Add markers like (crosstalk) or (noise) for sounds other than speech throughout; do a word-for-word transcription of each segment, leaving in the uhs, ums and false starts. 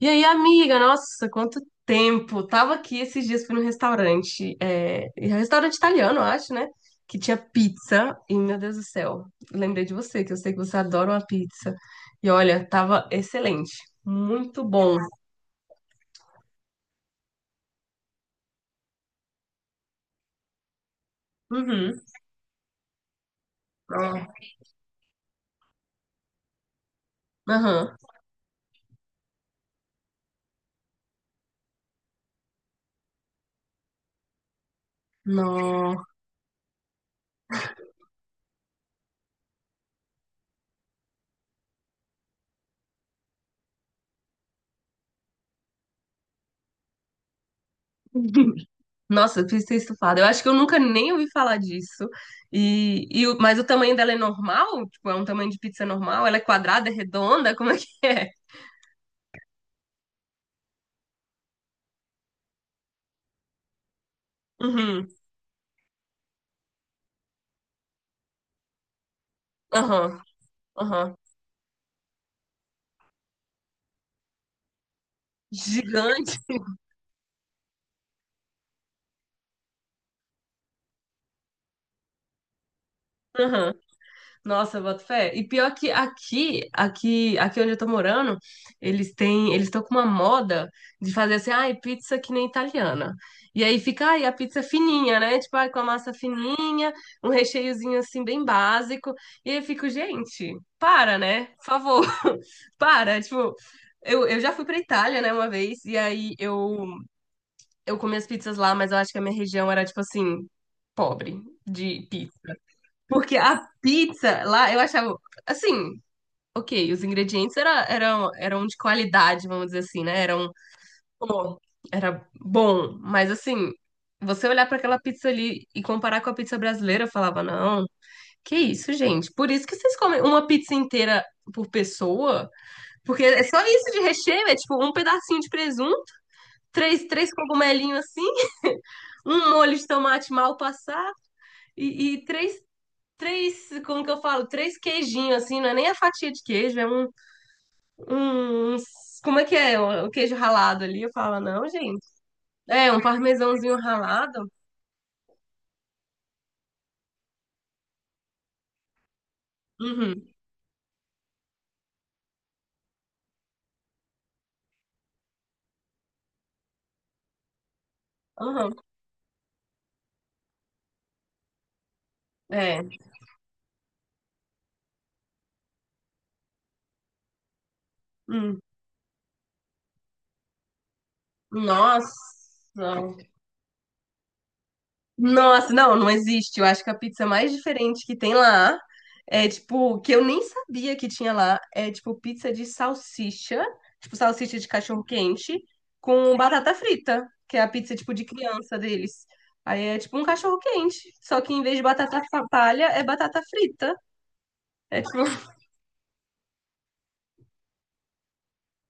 E aí, amiga, nossa, quanto tempo! Tava aqui esses dias, fui num restaurante, é, é um restaurante italiano, eu acho, né? Que tinha pizza, e meu Deus do céu, lembrei de você, que eu sei que você adora uma pizza. E olha, tava excelente, muito bom. Uhum. Ó, aham. Nó. (laughs) Nossa, eu pizza estufada. Eu acho que eu nunca nem ouvi falar disso. E, e o- mas o tamanho dela é normal? Tipo, é um tamanho de pizza normal? Ela é quadrada, é redonda? Como é que é? Uhum. Aham. Aham. Gigante. (laughs) Aham. Nossa, boto fé. E pior que aqui, aqui, aqui onde eu tô morando, eles têm, eles estão com uma moda de fazer assim, ai, pizza que nem italiana. E aí fica, ai, a pizza fininha, né? Tipo, ai, com a massa fininha, um recheiozinho assim bem básico. E aí eu fico, gente, para, né? Por favor, (laughs) para. Tipo, eu, eu já fui pra Itália, né, uma vez, e aí eu, eu comi as pizzas lá, mas eu acho que a minha região era, tipo assim, pobre de pizza. Porque a pizza lá, eu achava, assim, ok, os ingredientes era, eram, eram de qualidade, vamos dizer assim, né? Eram, pô, era bom, mas assim, você olhar para aquela pizza ali e comparar com a pizza brasileira, eu falava, não, que isso, gente? Por isso que vocês comem uma pizza inteira por pessoa? Porque é só isso de recheio, é tipo um pedacinho de presunto, três, três cogumelinhos assim, um molho de tomate mal passado e, e três três, como que eu falo? Três queijinhos, assim, não é nem a fatia de queijo, é um, um, um- como é que é? O queijo ralado ali. Eu falo, não, gente. É, um parmesãozinho ralado. Uhum, uhum. É. Hum. Nossa. Nossa, não, não existe. Eu acho que a pizza mais diferente que tem lá é tipo, que eu nem sabia que tinha lá, é tipo pizza de salsicha, tipo salsicha de cachorro-quente com batata frita, que é a pizza tipo de criança deles. Aí é tipo um cachorro-quente, só que em vez de batata fa- palha é batata frita. É tipo, (laughs)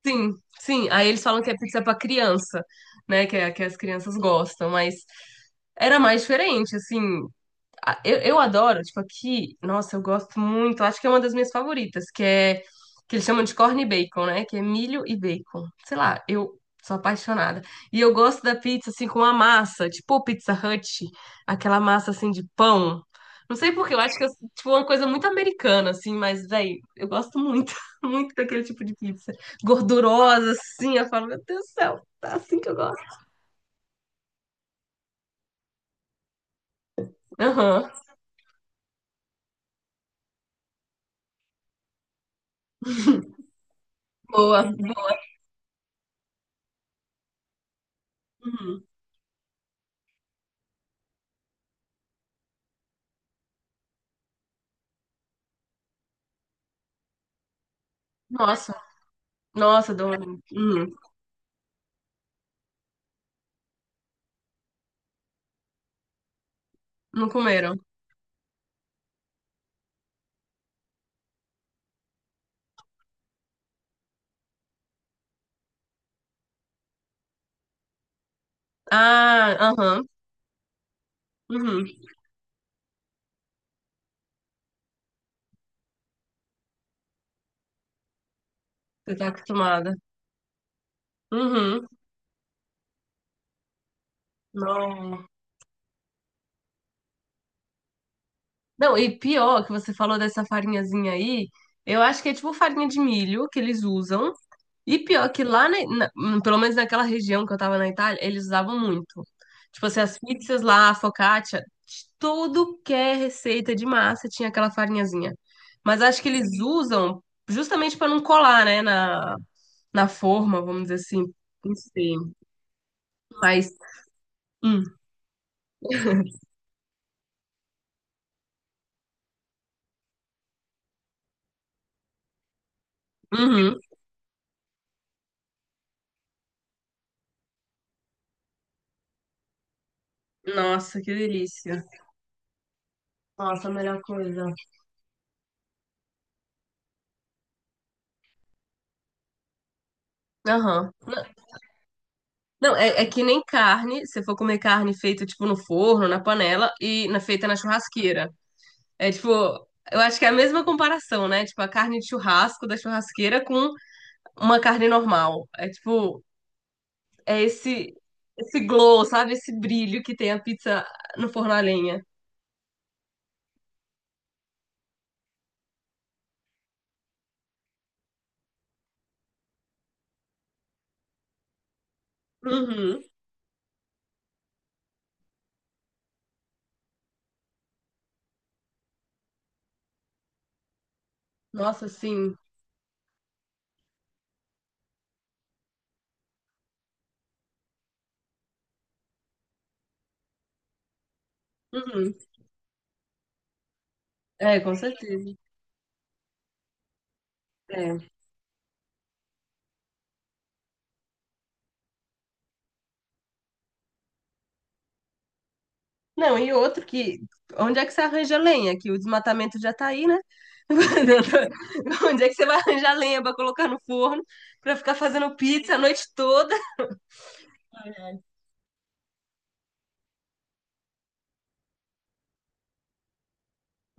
sim, sim. Aí eles falam que é pizza pra criança, né, que é, que as crianças gostam, mas era mais diferente, assim. Ah, Eu, eu adoro, tipo, aqui, nossa, eu gosto muito, acho que é uma das minhas favoritas, que é, que eles chamam de corn e bacon, né? Que é milho e bacon. Sei lá, eu sou apaixonada. E eu gosto da pizza, assim, com a massa, tipo Pizza Hut, aquela massa, assim, de pão. Não sei por quê, eu acho que é, tipo, é uma coisa muito americana, assim, mas, velho, eu gosto muito, (laughs) muito daquele tipo de pizza. Gordurosa, assim, eu falo, meu Deus do céu, tá assim que eu gosto. Aham, boa, boa. Uhum. Nossa, nossa, Dona. Não comeram. Ah, aham. Uhum. Você tá acostumada. Uhum. Não. Não, e pior que você falou dessa farinhazinha aí, eu acho que é tipo farinha de milho que eles usam. E pior que lá, na, na- hum, pelo menos naquela região que eu tava na Itália, eles usavam muito. Tipo assim, as pizzas lá, a focaccia, tudo que é receita de massa tinha aquela farinhazinha. Mas acho que eles usam justamente pra não colar, né, na, na forma, vamos dizer assim. Não sei. Mas. hum. Uhum. Nossa, que delícia. Nossa, a melhor coisa. Aham. N- Não, é, é que nem carne, se for comer carne feita, tipo, no forno, na panela e na, feita na churrasqueira. É, tipo, eu acho que é a mesma comparação, né? Tipo, a carne de churrasco da churrasqueira com uma carne normal. É, tipo, é esse, esse glow, sabe? Esse brilho que tem a pizza no forno a lenha. Uhum. Nossa, sim. Uhum. É, com certeza. É. Não, e outro que. Onde é que você arranja lenha? Que o desmatamento já tá aí, né? (laughs) Onde é que você vai arranjar lenha pra colocar no forno, pra ficar fazendo pizza a noite toda?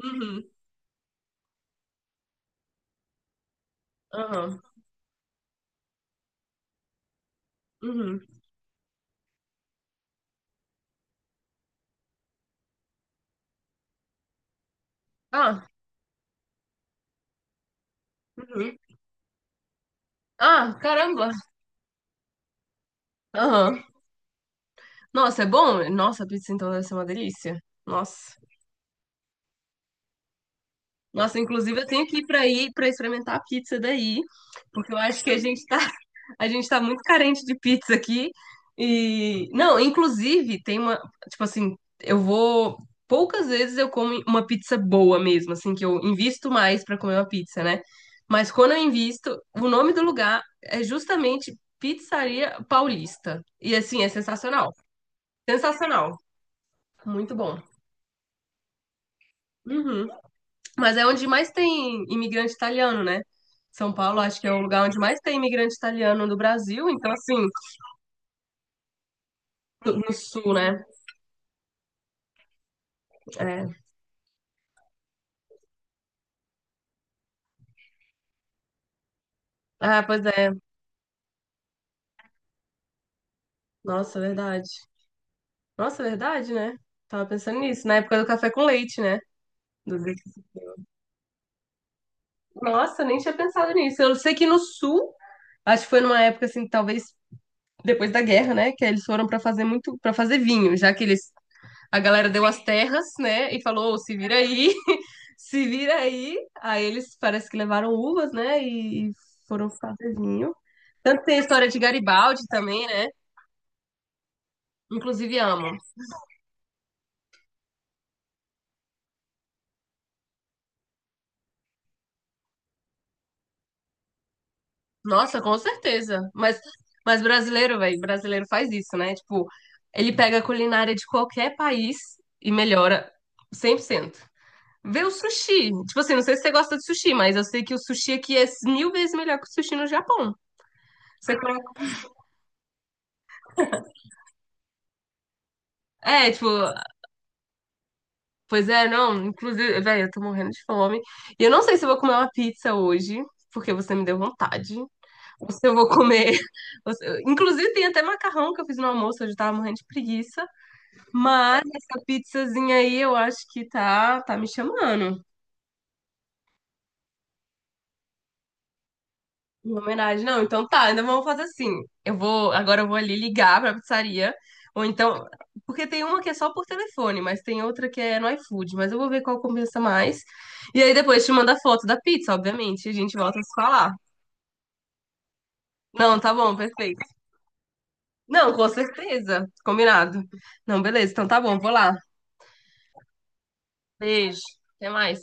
Uhum, aham, uhum. Ah, uhum. Ah, caramba! Aham. Nossa, é bom? Nossa, a pizza então deve ser uma delícia. Nossa. Nossa, inclusive eu tenho que ir pra aí pra experimentar a pizza daí, porque eu acho que a gente tá a gente tá muito carente de pizza aqui. E não, inclusive tem uma, tipo assim, eu vou poucas vezes eu como uma pizza boa mesmo, assim que eu invisto mais pra comer uma pizza, né? Mas quando eu invisto, o nome do lugar é justamente Pizzaria Paulista. E assim, é sensacional. Sensacional. Muito bom. Uhum. Mas é onde mais tem imigrante italiano, né? São Paulo, acho que é o lugar onde mais tem imigrante italiano no Brasil, então assim, no sul, né? É. Ah, pois é. Nossa, verdade. Nossa, verdade, né? Tava pensando nisso, na época do café com leite, né? Do- Nossa, nem tinha pensado nisso. Eu sei que no sul, acho que foi numa época assim, talvez depois da guerra, né, que eles foram pra fazer muito, para fazer vinho, já que eles a galera deu as terras, né, e falou, "Ô, se vira aí, (laughs) se vira aí." Aí eles parece que levaram uvas, né, e foram fazer vinho. Tanto que tem a história de Garibaldi também, né? Inclusive amo. Nossa, com certeza. Mas, mas brasileiro, velho, brasileiro faz isso, né? Tipo, ele pega a culinária de qualquer país e melhora cem por cento. Vê o sushi. Tipo assim, não sei se você gosta de sushi, mas eu sei que o sushi aqui é mil vezes melhor que o sushi no Japão. Você coloca... É, tipo, pois é, não, inclusive, velho, eu tô morrendo de fome. E eu não sei se eu vou comer uma pizza hoje, porque você me deu vontade. Ou se eu vou comer. (laughs) ou se- Inclusive, tem até macarrão que eu fiz no almoço, eu já tava morrendo de preguiça. Mas essa pizzazinha aí eu acho que tá, tá me chamando. Em homenagem, não. Então tá, ainda vamos fazer assim. Eu vou, agora eu vou ali ligar pra pizzaria. Ou então, porque tem uma que é só por telefone, mas tem outra que é no iFood. Mas eu vou ver qual compensa mais. E aí depois te manda a foto da pizza, obviamente. E A gente volta a se falar. Não, tá bom, perfeito. Não, com certeza. Combinado. Não, beleza. Então tá bom, vou lá. Beijo. Até mais.